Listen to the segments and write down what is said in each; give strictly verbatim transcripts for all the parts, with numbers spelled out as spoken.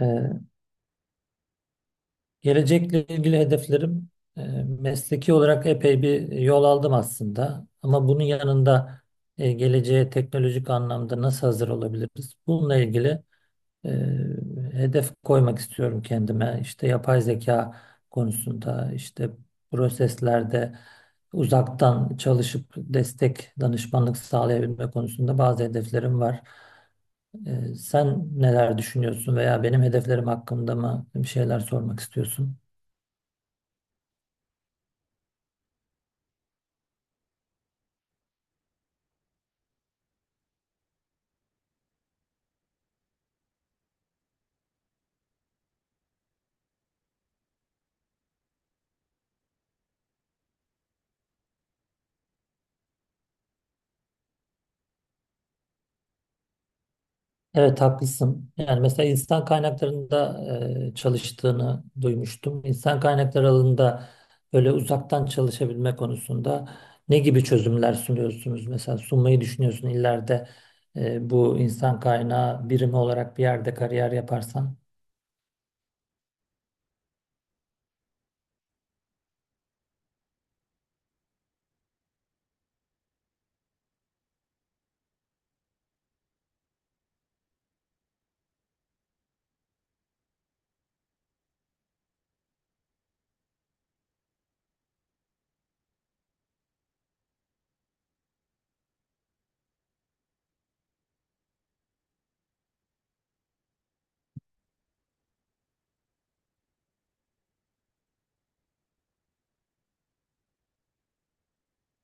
Ee, gelecekle ilgili hedeflerim, e, mesleki olarak epey bir yol aldım aslında. Ama bunun yanında e, geleceğe teknolojik anlamda nasıl hazır olabiliriz? Bununla ilgili e, hedef koymak istiyorum kendime. İşte yapay zeka konusunda, işte proseslerde uzaktan çalışıp destek, danışmanlık sağlayabilme konusunda bazı hedeflerim var. E, sen neler düşünüyorsun veya benim hedeflerim hakkında mı bir şeyler sormak istiyorsun? Evet, haklısın. Yani mesela insan kaynaklarında e, çalıştığını duymuştum. İnsan kaynakları alanında böyle uzaktan çalışabilme konusunda ne gibi çözümler sunuyorsunuz? Mesela sunmayı düşünüyorsun ileride e, bu insan kaynağı birimi olarak bir yerde kariyer yaparsan.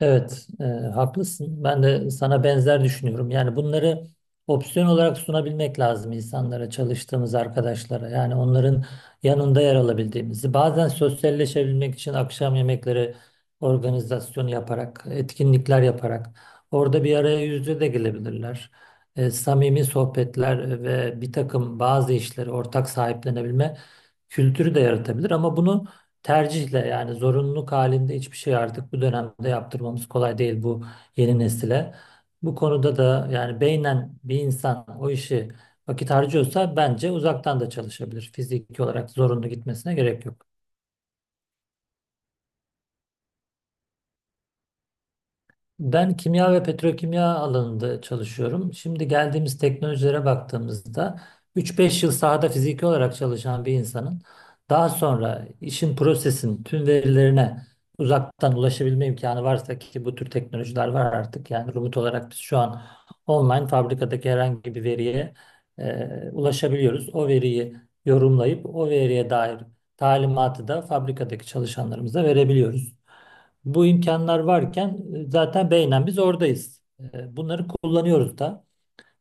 Evet, e, haklısın. Ben de sana benzer düşünüyorum. Yani bunları opsiyon olarak sunabilmek lazım insanlara, çalıştığımız arkadaşlara. Yani onların yanında yer alabildiğimizi. Bazen sosyalleşebilmek için akşam yemekleri organizasyonu yaparak, etkinlikler yaparak orada bir araya yüz yüze de gelebilirler. E, samimi sohbetler ve bir takım bazı işleri ortak sahiplenebilme kültürü de yaratabilir. Ama bunu tercihle, yani zorunluluk halinde hiçbir şey artık bu dönemde yaptırmamız kolay değil bu yeni nesile. Bu konuda da yani beynen bir insan o işi vakit harcıyorsa bence uzaktan da çalışabilir. Fiziki olarak zorunlu gitmesine gerek yok. Ben kimya ve petrokimya alanında çalışıyorum. Şimdi geldiğimiz teknolojilere baktığımızda üç beş yıl sahada fiziki olarak çalışan bir insanın daha sonra işin, prosesin tüm verilerine uzaktan ulaşabilme imkanı varsa, ki bu tür teknolojiler var artık. Yani remote olarak biz şu an online fabrikadaki herhangi bir veriye e, ulaşabiliyoruz. O veriyi yorumlayıp o veriye dair talimatı da fabrikadaki çalışanlarımıza verebiliyoruz. Bu imkanlar varken e, zaten beynen biz oradayız. E, Bunları kullanıyoruz da.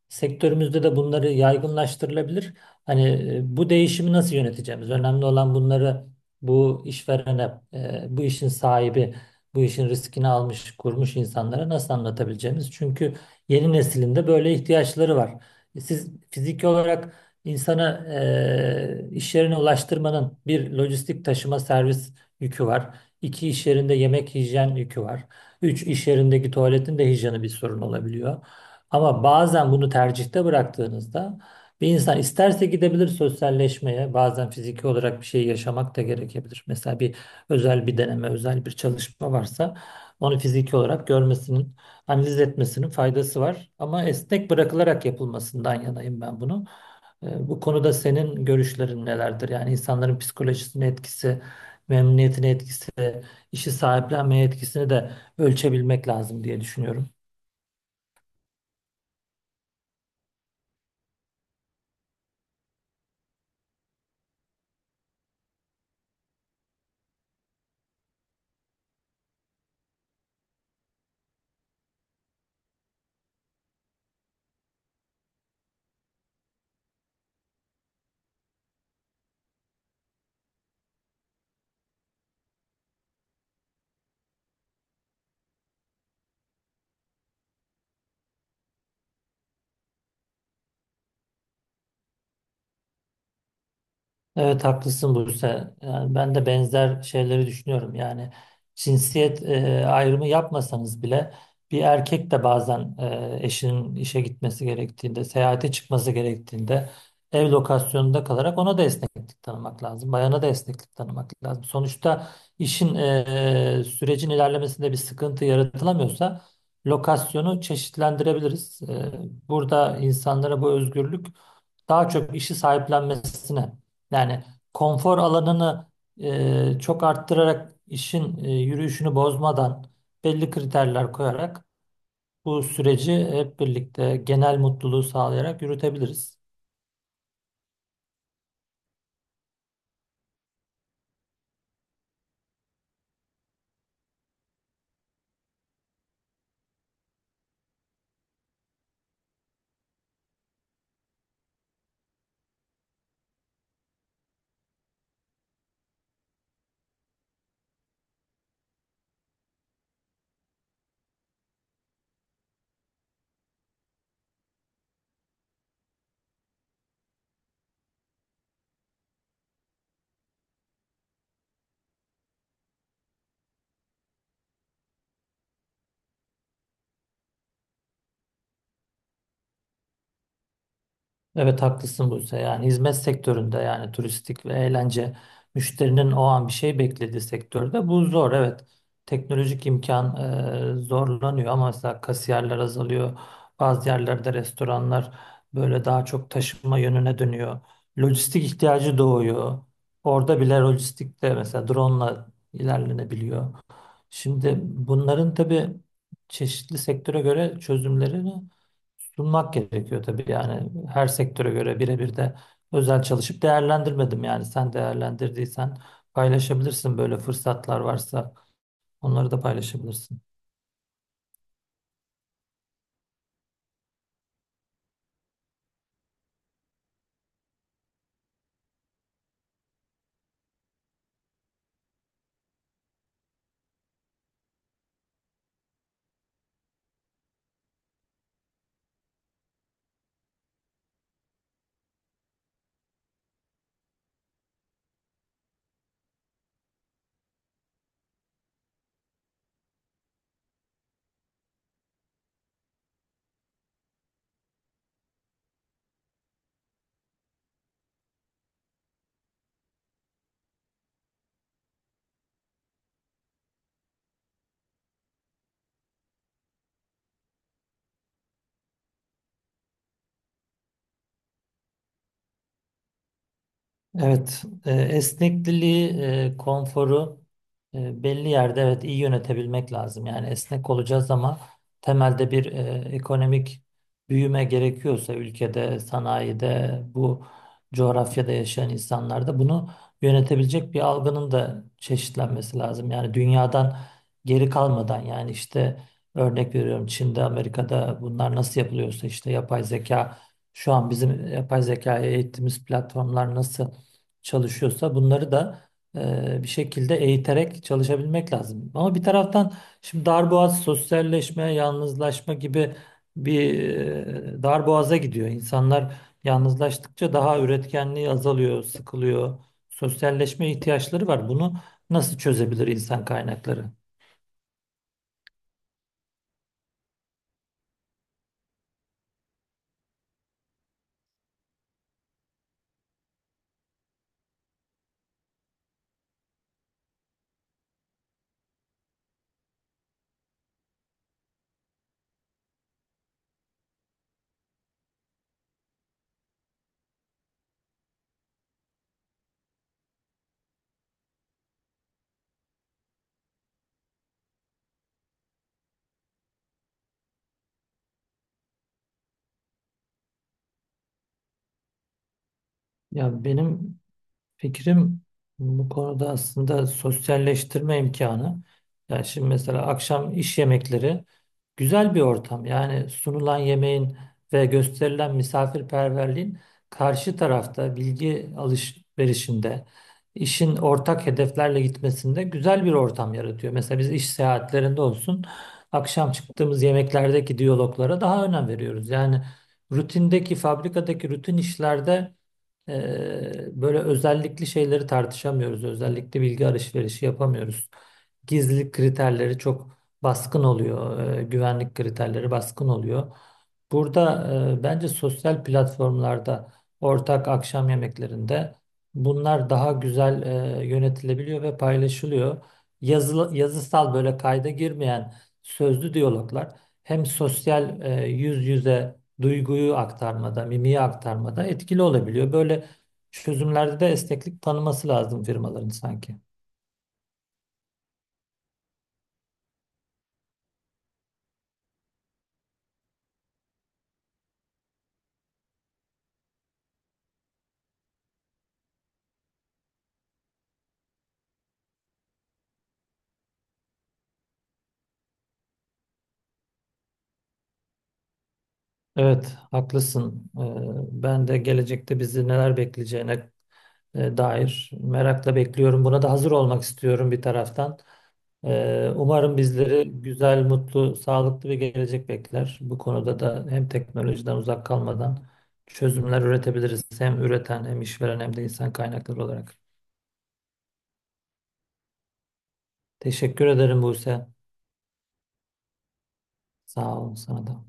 Sektörümüzde de bunları yaygınlaştırılabilir. Hani e, bu değişimi nasıl yöneteceğimiz? Önemli olan bunları bu işverene, e, bu işin sahibi, bu işin riskini almış, kurmuş insanlara nasıl anlatabileceğimiz? Çünkü yeni neslinde böyle ihtiyaçları var. E, Siz fiziki olarak insana, e, iş yerine ulaştırmanın bir lojistik taşıma servis yükü var. İki, iş yerinde yemek hijyen yükü var. Üç, iş yerindeki tuvaletin de hijyeni bir sorun olabiliyor. Ama bazen bunu tercihte bıraktığınızda bir insan isterse gidebilir sosyalleşmeye, bazen fiziki olarak bir şey yaşamak da gerekebilir. Mesela bir özel bir deneme, özel bir çalışma varsa onu fiziki olarak görmesinin, analiz etmesinin faydası var. Ama esnek bırakılarak yapılmasından yanayım ben bunu. Ee, Bu konuda senin görüşlerin nelerdir? Yani insanların psikolojisine etkisi, memnuniyetine etkisi, işi sahiplenmeye etkisini de ölçebilmek lazım diye düşünüyorum. Evet, haklısın Buse. Yani ben de benzer şeyleri düşünüyorum. Yani cinsiyet e, ayrımı yapmasanız bile bir erkek de bazen e, eşinin işe gitmesi gerektiğinde, seyahate çıkması gerektiğinde ev lokasyonunda kalarak ona da esneklik tanımak lazım. Bayana da esneklik tanımak lazım. Sonuçta işin, e, sürecin ilerlemesinde bir sıkıntı yaratılamıyorsa lokasyonu çeşitlendirebiliriz. E, burada insanlara bu özgürlük daha çok işi sahiplenmesine, yani konfor alanını e, çok arttırarak işin e, yürüyüşünü bozmadan belli kriterler koyarak bu süreci hep birlikte, genel mutluluğu sağlayarak yürütebiliriz. Evet, haklısın Buse. Yani hizmet sektöründe, yani turistik ve eğlence, müşterinin o an bir şey beklediği sektörde bu zor. Evet, teknolojik imkan e, zorlanıyor ama mesela kasiyerler azalıyor. Bazı yerlerde restoranlar böyle daha çok taşıma yönüne dönüyor. Lojistik ihtiyacı doğuyor. Orada bile lojistikte mesela drone'la ilerlenebiliyor. Şimdi bunların tabii çeşitli sektöre göre çözümlerini sunmak gerekiyor tabii, yani her sektöre göre birebir de özel çalışıp değerlendirmedim, yani sen değerlendirdiysen paylaşabilirsin, böyle fırsatlar varsa onları da paylaşabilirsin. Evet, e, esnekliliği, e, konforu e, belli yerde evet iyi yönetebilmek lazım. Yani esnek olacağız ama temelde bir e, ekonomik büyüme gerekiyorsa ülkede, sanayide, bu coğrafyada yaşayan insanlarda bunu yönetebilecek bir algının da çeşitlenmesi lazım. Yani dünyadan geri kalmadan, yani işte örnek veriyorum Çin'de, Amerika'da bunlar nasıl yapılıyorsa, işte yapay zeka şu an bizim yapay zekaya eğittiğimiz platformlar nasıl çalışıyorsa bunları da e, bir şekilde eğiterek çalışabilmek lazım. Ama bir taraftan şimdi darboğaz, sosyalleşme, yalnızlaşma gibi bir e, darboğaza gidiyor. İnsanlar yalnızlaştıkça daha, üretkenliği azalıyor, sıkılıyor. Sosyalleşme ihtiyaçları var. Bunu nasıl çözebilir insan kaynakları? Ya benim Fikrim bu konuda aslında sosyalleştirme imkanı. Yani şimdi mesela akşam iş yemekleri güzel bir ortam. Yani sunulan yemeğin ve gösterilen misafirperverliğin karşı tarafta bilgi alışverişinde, işin ortak hedeflerle gitmesinde güzel bir ortam yaratıyor. Mesela biz iş seyahatlerinde olsun, akşam çıktığımız yemeklerdeki diyaloglara daha önem veriyoruz. Yani rutindeki, fabrikadaki rutin işlerde ee, böyle özellikli şeyleri tartışamıyoruz. Özellikli bilgi alışverişi yapamıyoruz. Gizlilik kriterleri çok baskın oluyor. Ee, güvenlik kriterleri baskın oluyor. Burada e, bence sosyal platformlarda ortak akşam yemeklerinde bunlar daha güzel e, yönetilebiliyor ve paylaşılıyor. Yazılı, yazısal böyle kayda girmeyen sözlü diyaloglar hem sosyal e, yüz yüze duyguyu aktarmada, mimiği aktarmada etkili olabiliyor. Böyle çözümlerde de esneklik tanıması lazım firmaların sanki. Evet, haklısın. Ee, Ben de gelecekte bizi neler bekleyeceğine e, dair merakla bekliyorum. Buna da hazır olmak istiyorum bir taraftan. Ee, Umarım bizleri güzel, mutlu, sağlıklı bir gelecek bekler. Bu konuda da hem teknolojiden uzak kalmadan çözümler üretebiliriz. Hem üreten, hem işveren, hem de insan kaynakları olarak. Teşekkür ederim Buse. Sağ olun sana da.